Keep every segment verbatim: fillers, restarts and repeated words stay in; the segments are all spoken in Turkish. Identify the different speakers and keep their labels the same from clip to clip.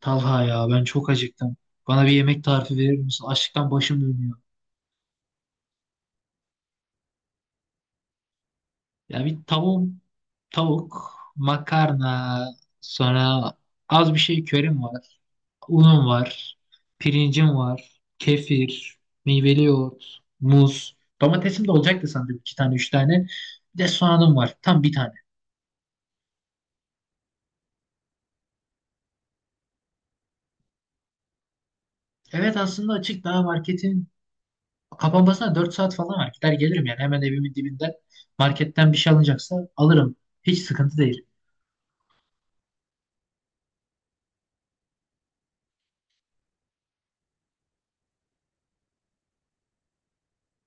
Speaker 1: Talha ya ben çok acıktım. Bana bir yemek tarifi verir misin? Açlıktan başım dönüyor. Ya bir tavuk, tavuk, makarna, sonra az bir şey körim var. Unum var, pirincim var, kefir, meyveli yoğurt, muz. Domatesim de olacaktı sandım iki tane üç tane. Bir de soğanım var tam bir tane. Evet aslında açık, daha marketin kapanmasına dört saat falan var. Gider gelirim yani, hemen evimin dibinden marketten bir şey alınacaksa alırım. Hiç sıkıntı değil.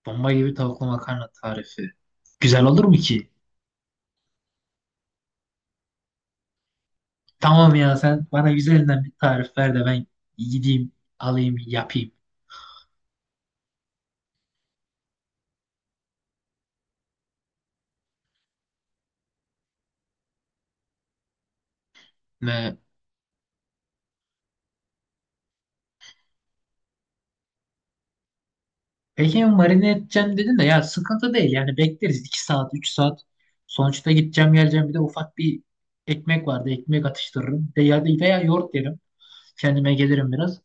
Speaker 1: Bomba gibi tavuklu makarna tarifi. Güzel olur mu ki? Tamam ya, sen bana güzelinden bir tarif ver de ben gideyim alayım yapayım. Ne? Peki marine edeceğim dedin de, ya sıkıntı değil yani, bekleriz iki saat üç saat. Sonuçta gideceğim geleceğim, bir de ufak bir ekmek vardı, ekmek atıştırırım. De ya, veya yoğurt yerim. Kendime gelirim biraz.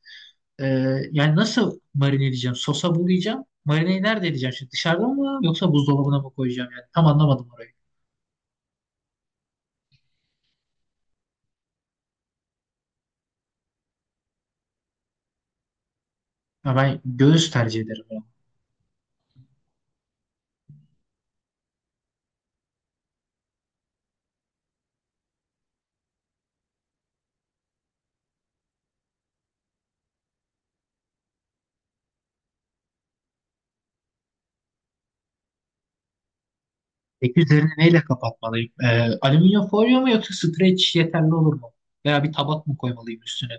Speaker 1: Ee, yani nasıl marine edeceğim? Sosa bulayacağım. Marineyi nerede edeceğim şimdi? Dışarıda mı yoksa buzdolabına mı koyacağım yani? Tam anlamadım orayı. Ya ben göğüs tercih ederim. Ya. Peki üzerini neyle kapatmalıyım? Ee, alüminyum folyo mu yoksa streç yeterli olur mu? Veya bir tabak mı koymalıyım üstüne?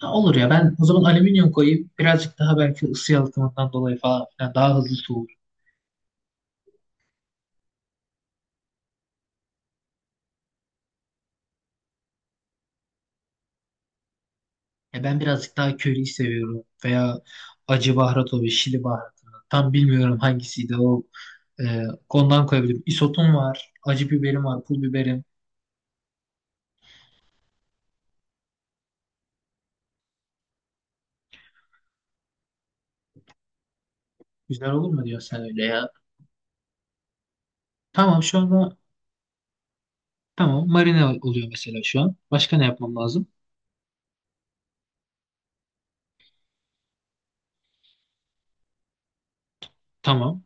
Speaker 1: Ha, olur ya, ben o zaman alüminyum koyayım. Birazcık daha, belki ısı yalıtımından dolayı falan filan, daha hızlı soğur. Ya ben birazcık daha köriyi seviyorum. Veya acı baharat oluyor, şili baharatı. Tam bilmiyorum hangisiydi o. Ee, ondan koyabilirim. Isotum var, acı biberim var, pul biberim. Güzel olur mu diyorsun sen öyle ya? Tamam şu anda, tamam marine oluyor mesela şu an. Başka ne yapmam lazım? Tamam.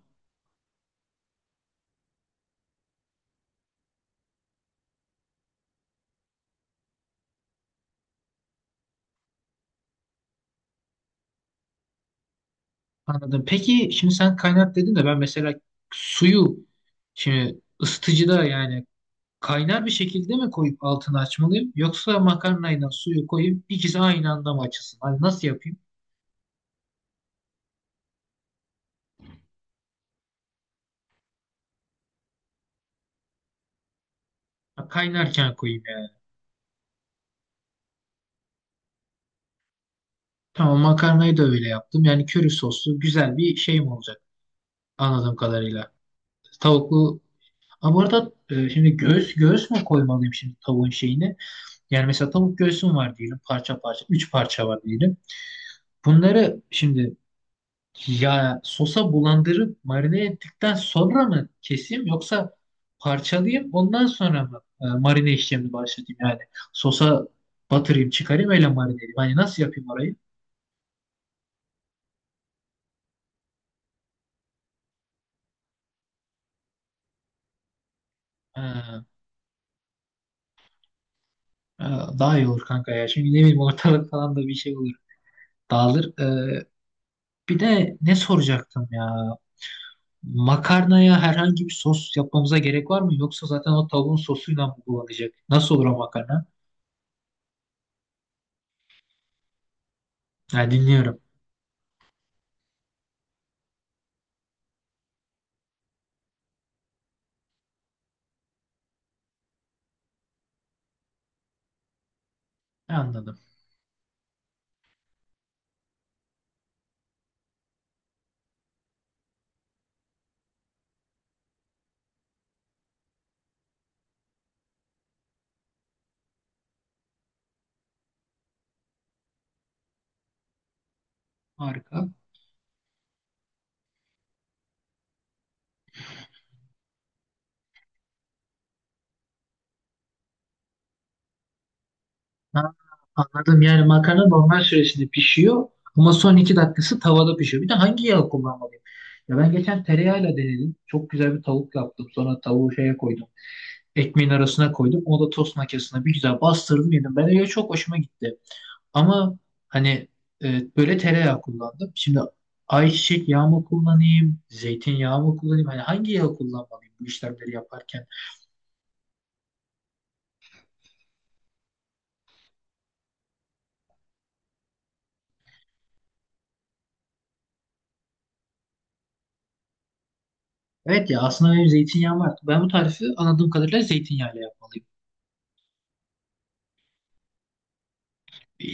Speaker 1: Anladım. Peki şimdi sen kaynat dedin de, ben mesela suyu şimdi ısıtıcıda, yani kaynar bir şekilde mi koyup altını açmalıyım, yoksa makarnayla suyu koyup ikisi aynı anda mı açılsın? Hani nasıl yapayım? Ha, kaynarken koyayım yani. Tamam, makarnayı da öyle yaptım. Yani köri soslu güzel bir şey mi olacak, anladığım kadarıyla. Tavuklu. Ha, bu arada e, şimdi göğüs göğüs mü koymalıyım şimdi tavuğun şeyini? Yani mesela tavuk göğsüm var diyelim parça parça. Üç parça var diyelim. Bunları şimdi, ya sosa bulandırıp marine ettikten sonra mı keseyim, yoksa parçalayayım ondan sonra mı e, marine işlemini başlatayım, yani sosa batırayım çıkarayım öyle marine edeyim. Hani nasıl yapayım orayı? Ha, ha, daha iyi olur kanka ya. Şimdi ne bileyim, ortalık falan da bir şey olur. Dağılır. E, bir de ne soracaktım ya? Makarnaya herhangi bir sos yapmamıza gerek var mı? Yoksa zaten o tavuğun sosuyla mı kullanacak? Nasıl olur o makarna? Ha, dinliyorum. Anladım. Harika. Ha, anladım. Yani makarna normal süresinde pişiyor ama son iki dakikası tavada pişiyor. Bir de hangi yağı kullanmalıyım? Ya ben geçen tereyağıyla denedim. Çok güzel bir tavuk yaptım. Sonra tavuğu şeye koydum. Ekmeğin arasına koydum. O da tost makinesine, bir güzel bastırdım yedim. Ben öyle çok hoşuma gitti. Ama hani e, böyle tereyağı kullandım. Şimdi ayçiçek yağı mı kullanayım? Zeytinyağı mı kullanayım? Hani hangi yağı kullanmalıyım bu işlemleri yaparken? Evet ya, aslında benim zeytinyağım var. Ben bu tarifi, anladığım kadarıyla, zeytinyağıyla yapmalıyım. E,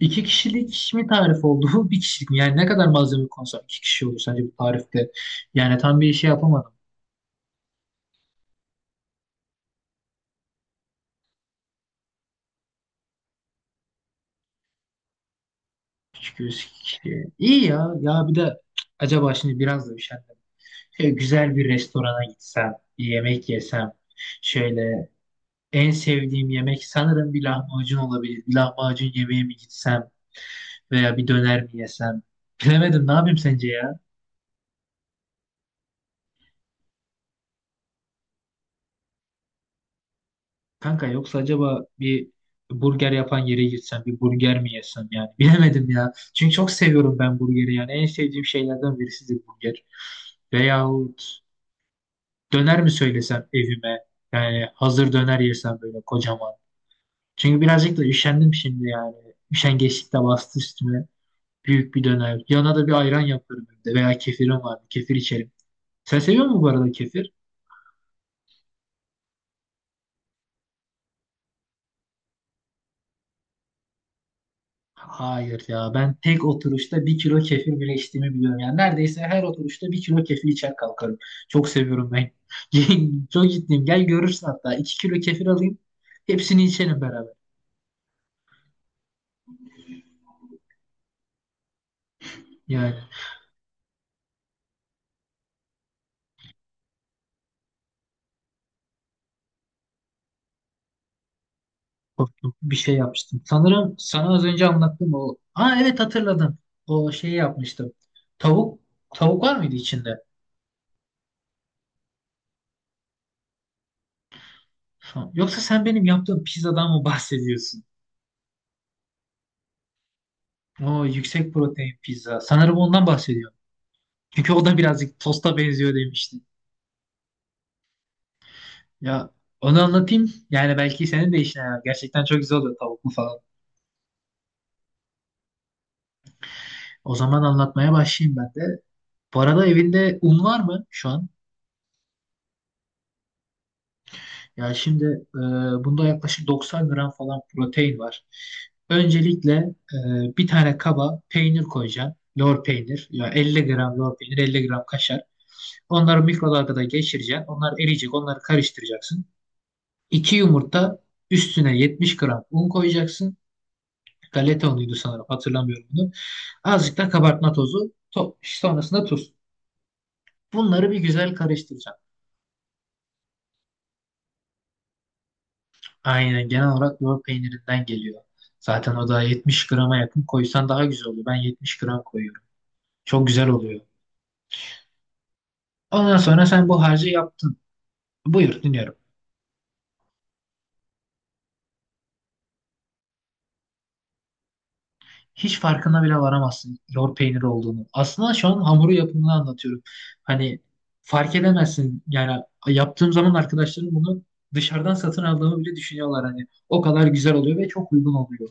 Speaker 1: İki kişilik mi tarif oldu bu? Bir kişilik mi? Yani ne kadar malzeme konsam iki kişi olur sence bu tarifte? Yani tam bir şey yapamadım. Çünkü kişi. İki kişi. Ya. Ya bir de acaba, şimdi biraz da üşendim. Şöyle güzel bir restorana gitsem, bir yemek yesem. Şöyle en sevdiğim yemek sanırım bir lahmacun olabilir. Bir lahmacun yemeğe mi gitsem, veya bir döner mi yesem? Bilemedim, ne yapayım sence ya? Kanka, yoksa acaba bir burger yapan yere gitsem, bir burger mi yesem yani bilemedim ya. Çünkü çok seviyorum ben burgeri, yani en sevdiğim şeylerden birisidir burger. Veyahut döner mi söylesem evime, yani hazır döner yesem böyle kocaman. Çünkü birazcık da üşendim şimdi yani. Üşengeçlik de bastı üstüme. Büyük bir döner. Yanına da bir ayran yaparım evde, veya kefirim var. Kefir içerim. Sen seviyor musun bu arada kefir? Hayır ya, ben tek oturuşta bir kilo kefir bile içtiğimi biliyorum. Yani neredeyse her oturuşta bir kilo kefir içer kalkarım. Çok seviyorum ben. Çok ciddiyim. Gel görürsün hatta. iki kilo kefir alayım. Hepsini içelim beraber. Yani korktum. Bir şey yapmıştım. Sanırım sana az önce anlattım o. Aa, evet, hatırladım. O şeyi yapmıştım. Tavuk. Tavuk var mıydı içinde? Ha, yoksa sen benim yaptığım pizzadan mı bahsediyorsun? O yüksek protein pizza. Sanırım ondan bahsediyorum. Çünkü o da birazcık tosta benziyor demiştin. Ya, onu anlatayım. Yani belki senin de işine yarar. Gerçekten çok güzel oluyor tavuklu falan. O zaman anlatmaya başlayayım ben de. Bu arada evinde un var mı şu an? Ya şimdi, e, bunda yaklaşık doksan gram falan protein var. Öncelikle e, bir tane kaba peynir koyacaksın. Lor peynir. Ya elli gram lor peynir, elli gram kaşar. Onları mikrodalgada geçireceksin. Onlar eriyecek. Onları karıştıracaksın. iki yumurta üstüne yetmiş gram un koyacaksın. Galetonluydu sanırım, hatırlamıyorum bunu. Azıcık da kabartma tozu. To sonrasında tuz. Bunları bir güzel karıştıracağım. Aynen, genel olarak lor peynirinden geliyor. Zaten o da yetmiş grama yakın koysan daha güzel oluyor. Ben yetmiş gram koyuyorum. Çok güzel oluyor. Ondan sonra sen bu harcı yaptın. Buyur, dinliyorum. Hiç farkına bile varamazsın lor peynir olduğunu. Aslında şu an hamuru yapımını anlatıyorum. Hani, fark edemezsin. Yani yaptığım zaman arkadaşlarım bunu dışarıdan satın aldığımı bile düşünüyorlar hani. O kadar güzel oluyor ve çok uygun oluyor.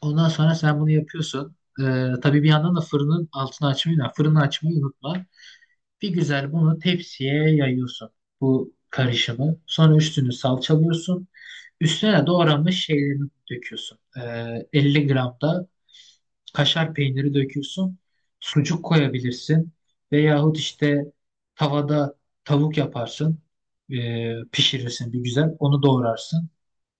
Speaker 1: Ondan sonra sen bunu yapıyorsun. Ee, tabii bir yandan da fırının altını açmayı, yani fırını açmayı unutma. Bir güzel bunu tepsiye yayıyorsun, bu karışımı. Sonra üstünü salçalıyorsun. Üstüne de doğranmış şeylerini döküyorsun. Ee, elli gram da kaşar peyniri döküyorsun. Sucuk koyabilirsin. Veyahut işte tavada tavuk yaparsın. Ee, pişirirsin bir güzel. Onu doğrarsın.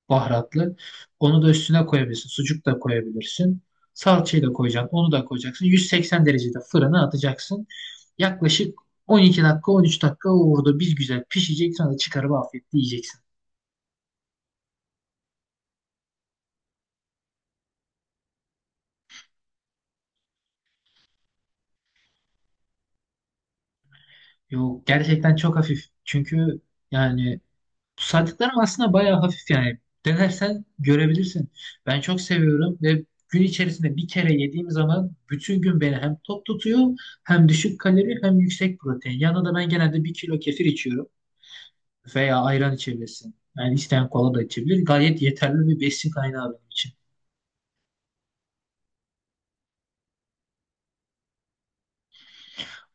Speaker 1: Baharatlı. Onu da üstüne koyabilirsin. Sucuk da koyabilirsin. Salçayı da koyacaksın. Onu da koyacaksın. yüz seksen derecede fırına atacaksın. Yaklaşık on iki dakika on üç dakika orada bir güzel pişecek. Sonra çıkarıp afiyetle yiyeceksin. Yok, gerçekten çok hafif. Çünkü yani, saydıklarım aslında bayağı hafif yani. Denersen görebilirsin. Ben çok seviyorum ve gün içerisinde bir kere yediğim zaman bütün gün beni hem tok tutuyor, hem düşük kalori, hem yüksek protein. Yanına da ben genelde bir kilo kefir içiyorum, veya ayran içebilirsin. Yani isteyen kola da içebilir. Gayet yeterli bir besin kaynağı benim için.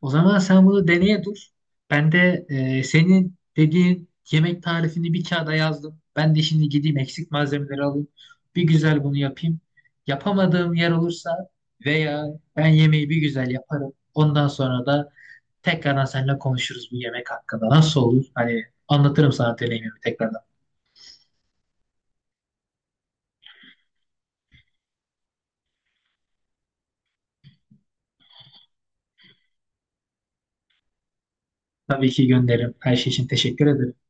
Speaker 1: O zaman sen bunu deneye dur. Ben de, e, senin dediğin yemek tarifini bir kağıda yazdım. Ben de şimdi gideyim eksik malzemeleri alayım. Bir güzel bunu yapayım. Yapamadığım yer olursa, veya ben yemeği bir güzel yaparım. Ondan sonra da tekrardan seninle konuşuruz bu yemek hakkında. Nasıl olur? Hani anlatırım sana deneyimimi tekrardan. Tabii ki gönderirim. Her şey için teşekkür ederim.